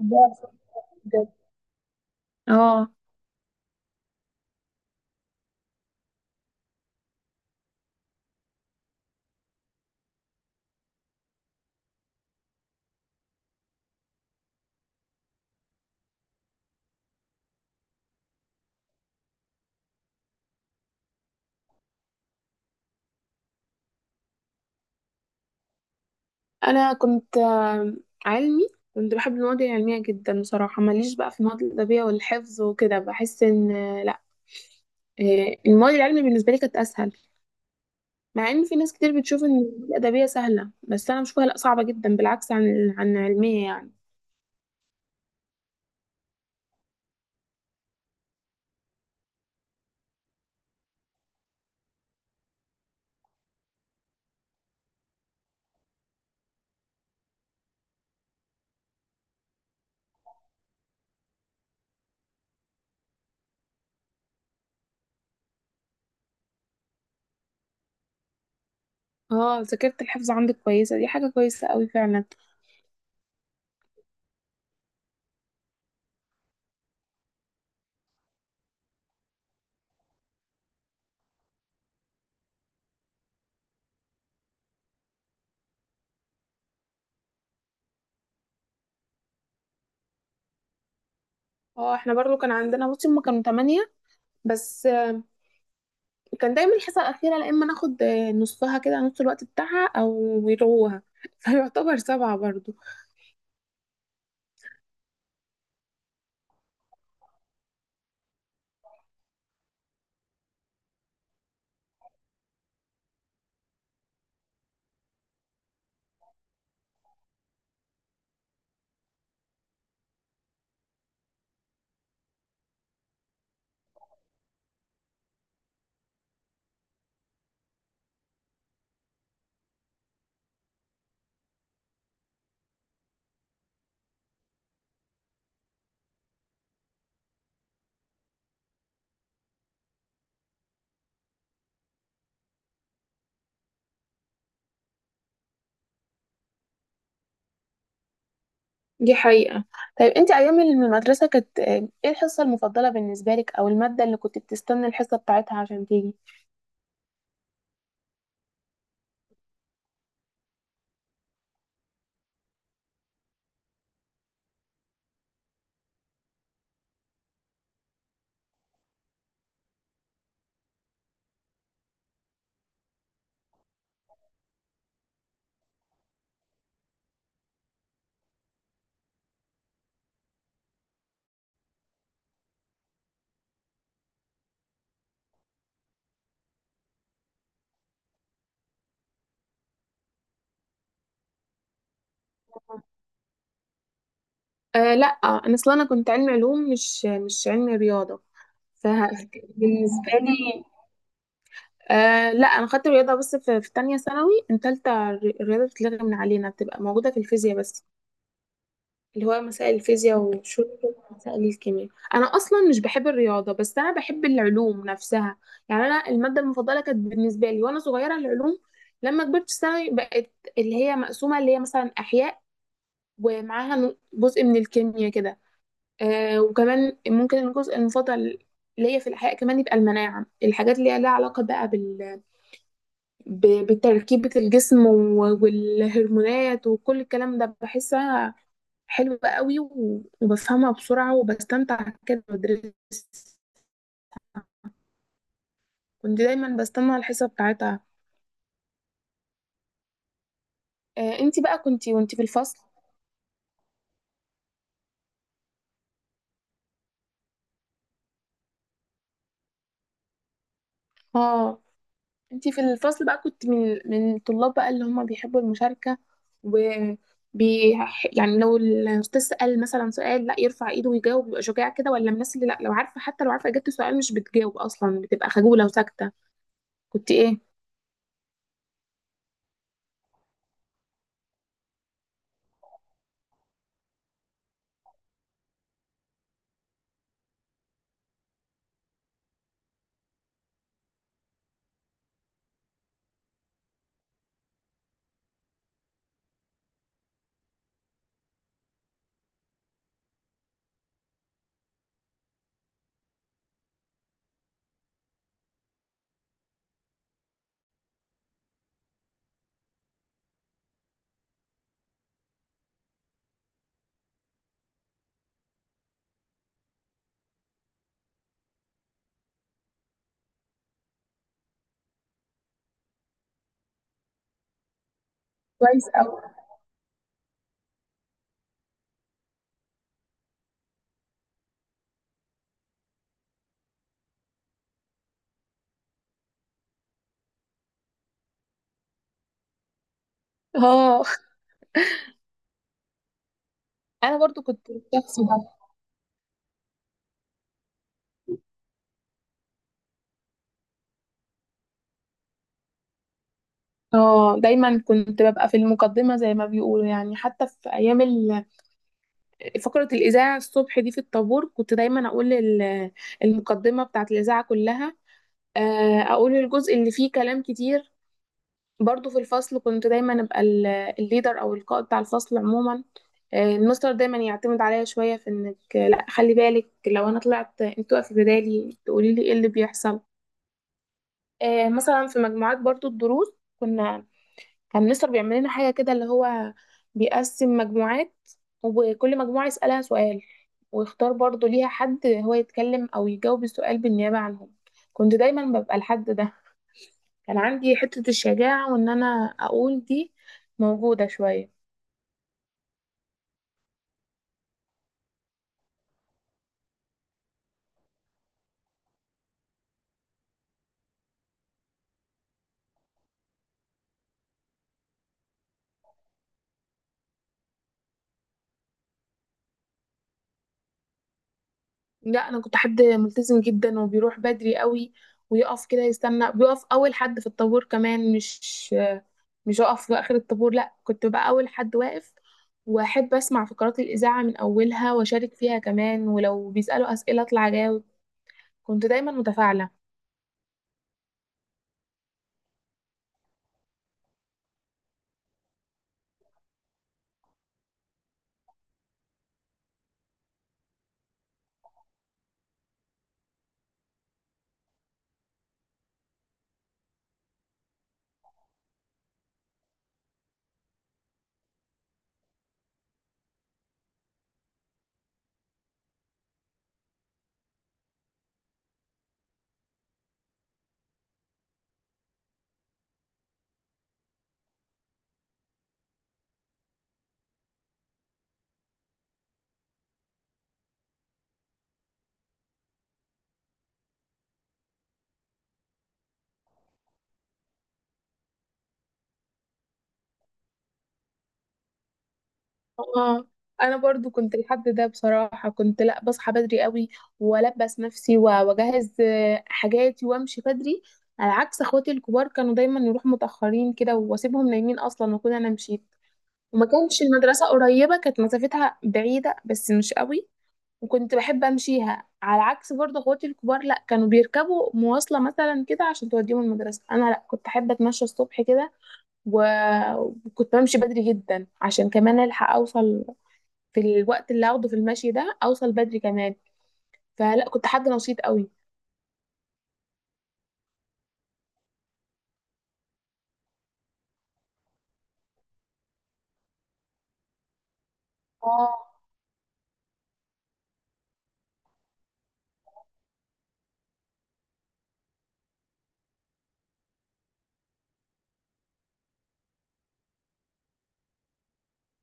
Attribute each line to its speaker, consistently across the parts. Speaker 1: بحبها بجد. اه، انا كنت علمي. كنت بحب المواد العلميه جدا بصراحه، ماليش بقى في المواد الادبيه والحفظ وكده. بحس ان لا. المواد العلميه بالنسبه لي كانت اسهل. مع ان في ناس كتير بتشوف ان الادبيه سهله، بس انا بشوفها لا، صعبه جدا بالعكس عن علميه يعني. اه، ذاكره الحفظ عندك كويسه، دي حاجه كويسه قوي فعلا. اه احنا برضو كان عندنا، بصي هما كانوا تمانية بس كان دايما الحصه الاخيره لا، اما ناخد نصها كده، نص الوقت بتاعها او يلغوها فيعتبر سبعه برضو. دي حقيقه. طيب انت ايام المدرسه كانت ايه الحصه المفضله بالنسبه لك، او الماده اللي كنت بتستنى الحصه بتاعتها عشان تيجي؟ آه لا، انا اصلا انا كنت علمي علوم، مش علمي رياضه. فبالنسبه لي آه لا، انا خدت رياضه بس في, في تانية ثانوي، ان تالتة الرياضه بتتلغي من علينا، بتبقى موجوده في الفيزياء بس. اللي هو مسائل الفيزياء وشوية كده مسائل الكيمياء. أنا أصلا مش بحب الرياضة، بس أنا بحب العلوم نفسها. يعني أنا المادة المفضلة كانت بالنسبة لي وأنا صغيرة العلوم. لما كبرت في ثانوي بقت اللي هي مقسومة، اللي هي مثلا أحياء ومعاها جزء من الكيمياء كده. آه، وكمان ممكن الجزء المفضل ليا في الأحياء كمان يبقى المناعة، الحاجات اللي هي لها علاقة بقى ب... بتركيبة الجسم والهرمونات وكل الكلام ده. بحسها حلوة قوي وبفهمها بسرعة وبستمتع كده بدرس. كنت دايما بستنى الحصة بتاعتها. آه. انتي بقى كنتي وانتي في الفصل، اه، انتي في الفصل بقى كنت من الطلاب بقى اللي هم بيحبوا المشاركة و بي يعني، لو الأستاذ سأل مثلا سؤال لا، يرفع إيده ويجاوب، بيبقى شجاع كده، ولا من الناس اللي لا، لو عارفة، حتى لو عارفة إجابة السؤال مش بتجاوب أصلا، بتبقى خجولة وساكتة. كنت إيه؟ كويس أوي. اه أنا برضو كنت الشخص ده. اه، دايما كنت ببقى في المقدمة زي ما بيقولوا يعني. حتى في ايام فقرة الاذاعة الصبح دي في الطابور، كنت دايما اقول المقدمة بتاعت الاذاعة كلها. اقول الجزء اللي فيه كلام كتير. برضو في الفصل كنت دايما ابقى الليدر او القائد بتاع الفصل عموما. المستر دايما يعتمد عليا شوية في انك لا، خلي بالك لو انا طلعت انت تقفي بدالي تقولي لي ايه اللي بيحصل. مثلا في مجموعات برضو الدروس، كنا، كان مستر بيعمل لنا حاجة كده اللي هو بيقسم مجموعات وكل مجموعة يسألها سؤال ويختار برضو ليها حد هو يتكلم أو يجاوب السؤال بالنيابة عنهم. كنت دايما ببقى الحد ده. كان عندي حتة الشجاعة وإن أنا أقول دي موجودة شوية. لا، انا كنت حد ملتزم جدا وبيروح بدري قوي ويقف كده يستنى، بيقف اول حد في الطابور كمان، مش اقف في اخر الطابور، لا كنت بقى اول حد واقف. واحب اسمع فقرات الاذاعه من اولها واشارك فيها كمان، ولو بيسالوا اسئله اطلع اجاوب. كنت دايما متفاعله. اه. انا برضو كنت لحد ده بصراحه، كنت لا، بصحى بدري قوي والبس نفسي واجهز حاجاتي وامشي بدري على عكس اخواتي الكبار، كانوا دايما يروحوا متاخرين كده واسيبهم نايمين اصلا واكون انا مشيت. وما كانش المدرسه قريبه، كانت مسافتها بعيده بس مش قوي، وكنت بحب امشيها على عكس برضه اخواتي الكبار، لا كانوا بيركبوا مواصله مثلا كده عشان توديهم المدرسه، انا لا كنت احب اتمشى الصبح كده و- وكنت بمشي بدري جدا عشان كمان الحق اوصل، في الوقت اللي هاخده في المشي ده اوصل بدري كمان. فلا، كنت حد نشيط قوي. اه.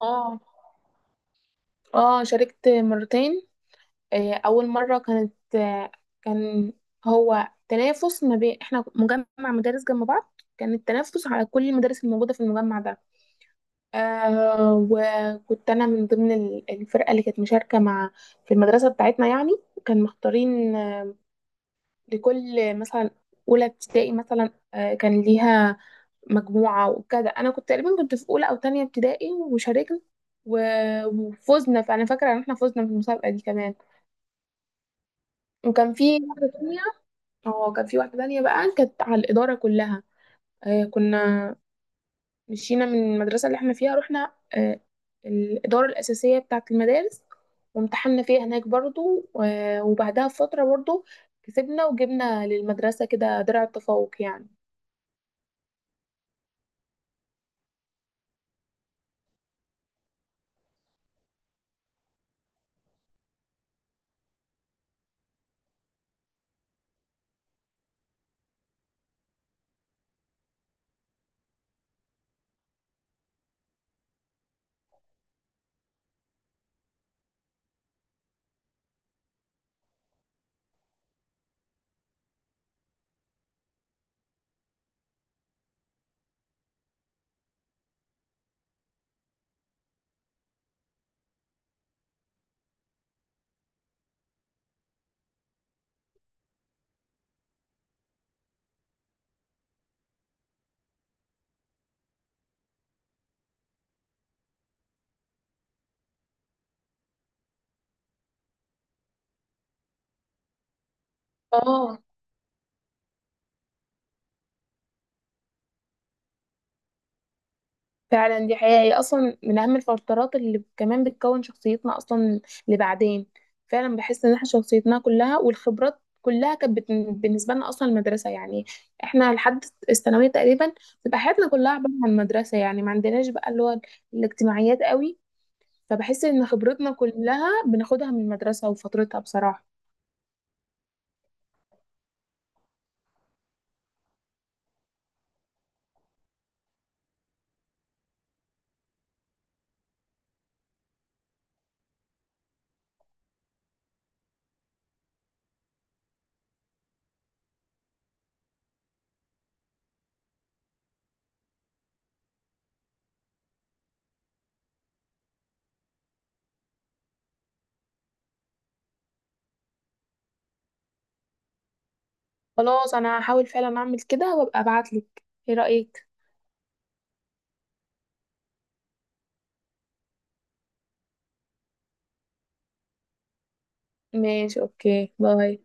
Speaker 1: اه، اه شاركت 2 مرتين. اول مره كانت آه، كان هو تنافس ما بين احنا، مجمع مدارس جنب بعض، كان التنافس على كل المدارس الموجوده في المجمع ده. آه، وكنت انا من ضمن الفرقه اللي كانت مشاركه مع في المدرسه بتاعتنا يعني. كان مختارين لكل مثلا اولى ابتدائي مثلا، كان ليها مجموعة وكده. أنا كنت تقريبا كنت في أولى أو تانية ابتدائي وشاركنا وفزنا، فأنا فاكرة إن احنا فزنا في المسابقة دي كمان. وكان في واحدة تانية، اه كان في واحدة تانية بقى كانت على الإدارة كلها. آه، كنا مشينا من المدرسة اللي احنا فيها، رحنا آه الإدارة الأساسية بتاعة المدارس وامتحنا فيها هناك برضو. آه، وبعدها بفترة برضو كسبنا وجبنا للمدرسة كده درع التفوق يعني. اه، فعلا دي حقيقة، هي أصلا من أهم الفترات اللي كمان بتكون شخصيتنا أصلا لبعدين. فعلا بحس إن احنا شخصيتنا كلها والخبرات كلها كانت بالنسبة لنا أصلا المدرسة يعني. احنا لحد الثانوية تقريبا بتبقى حياتنا كلها عبارة عن المدرسة يعني، ما عندناش بقى اللي هو الاجتماعيات قوي. فبحس إن خبرتنا كلها بناخدها من المدرسة وفترتها بصراحة. خلاص أنا هحاول فعلا أعمل كده وأبقى أبعتلك. إيه رأيك؟ ماشي، أوكي، باي.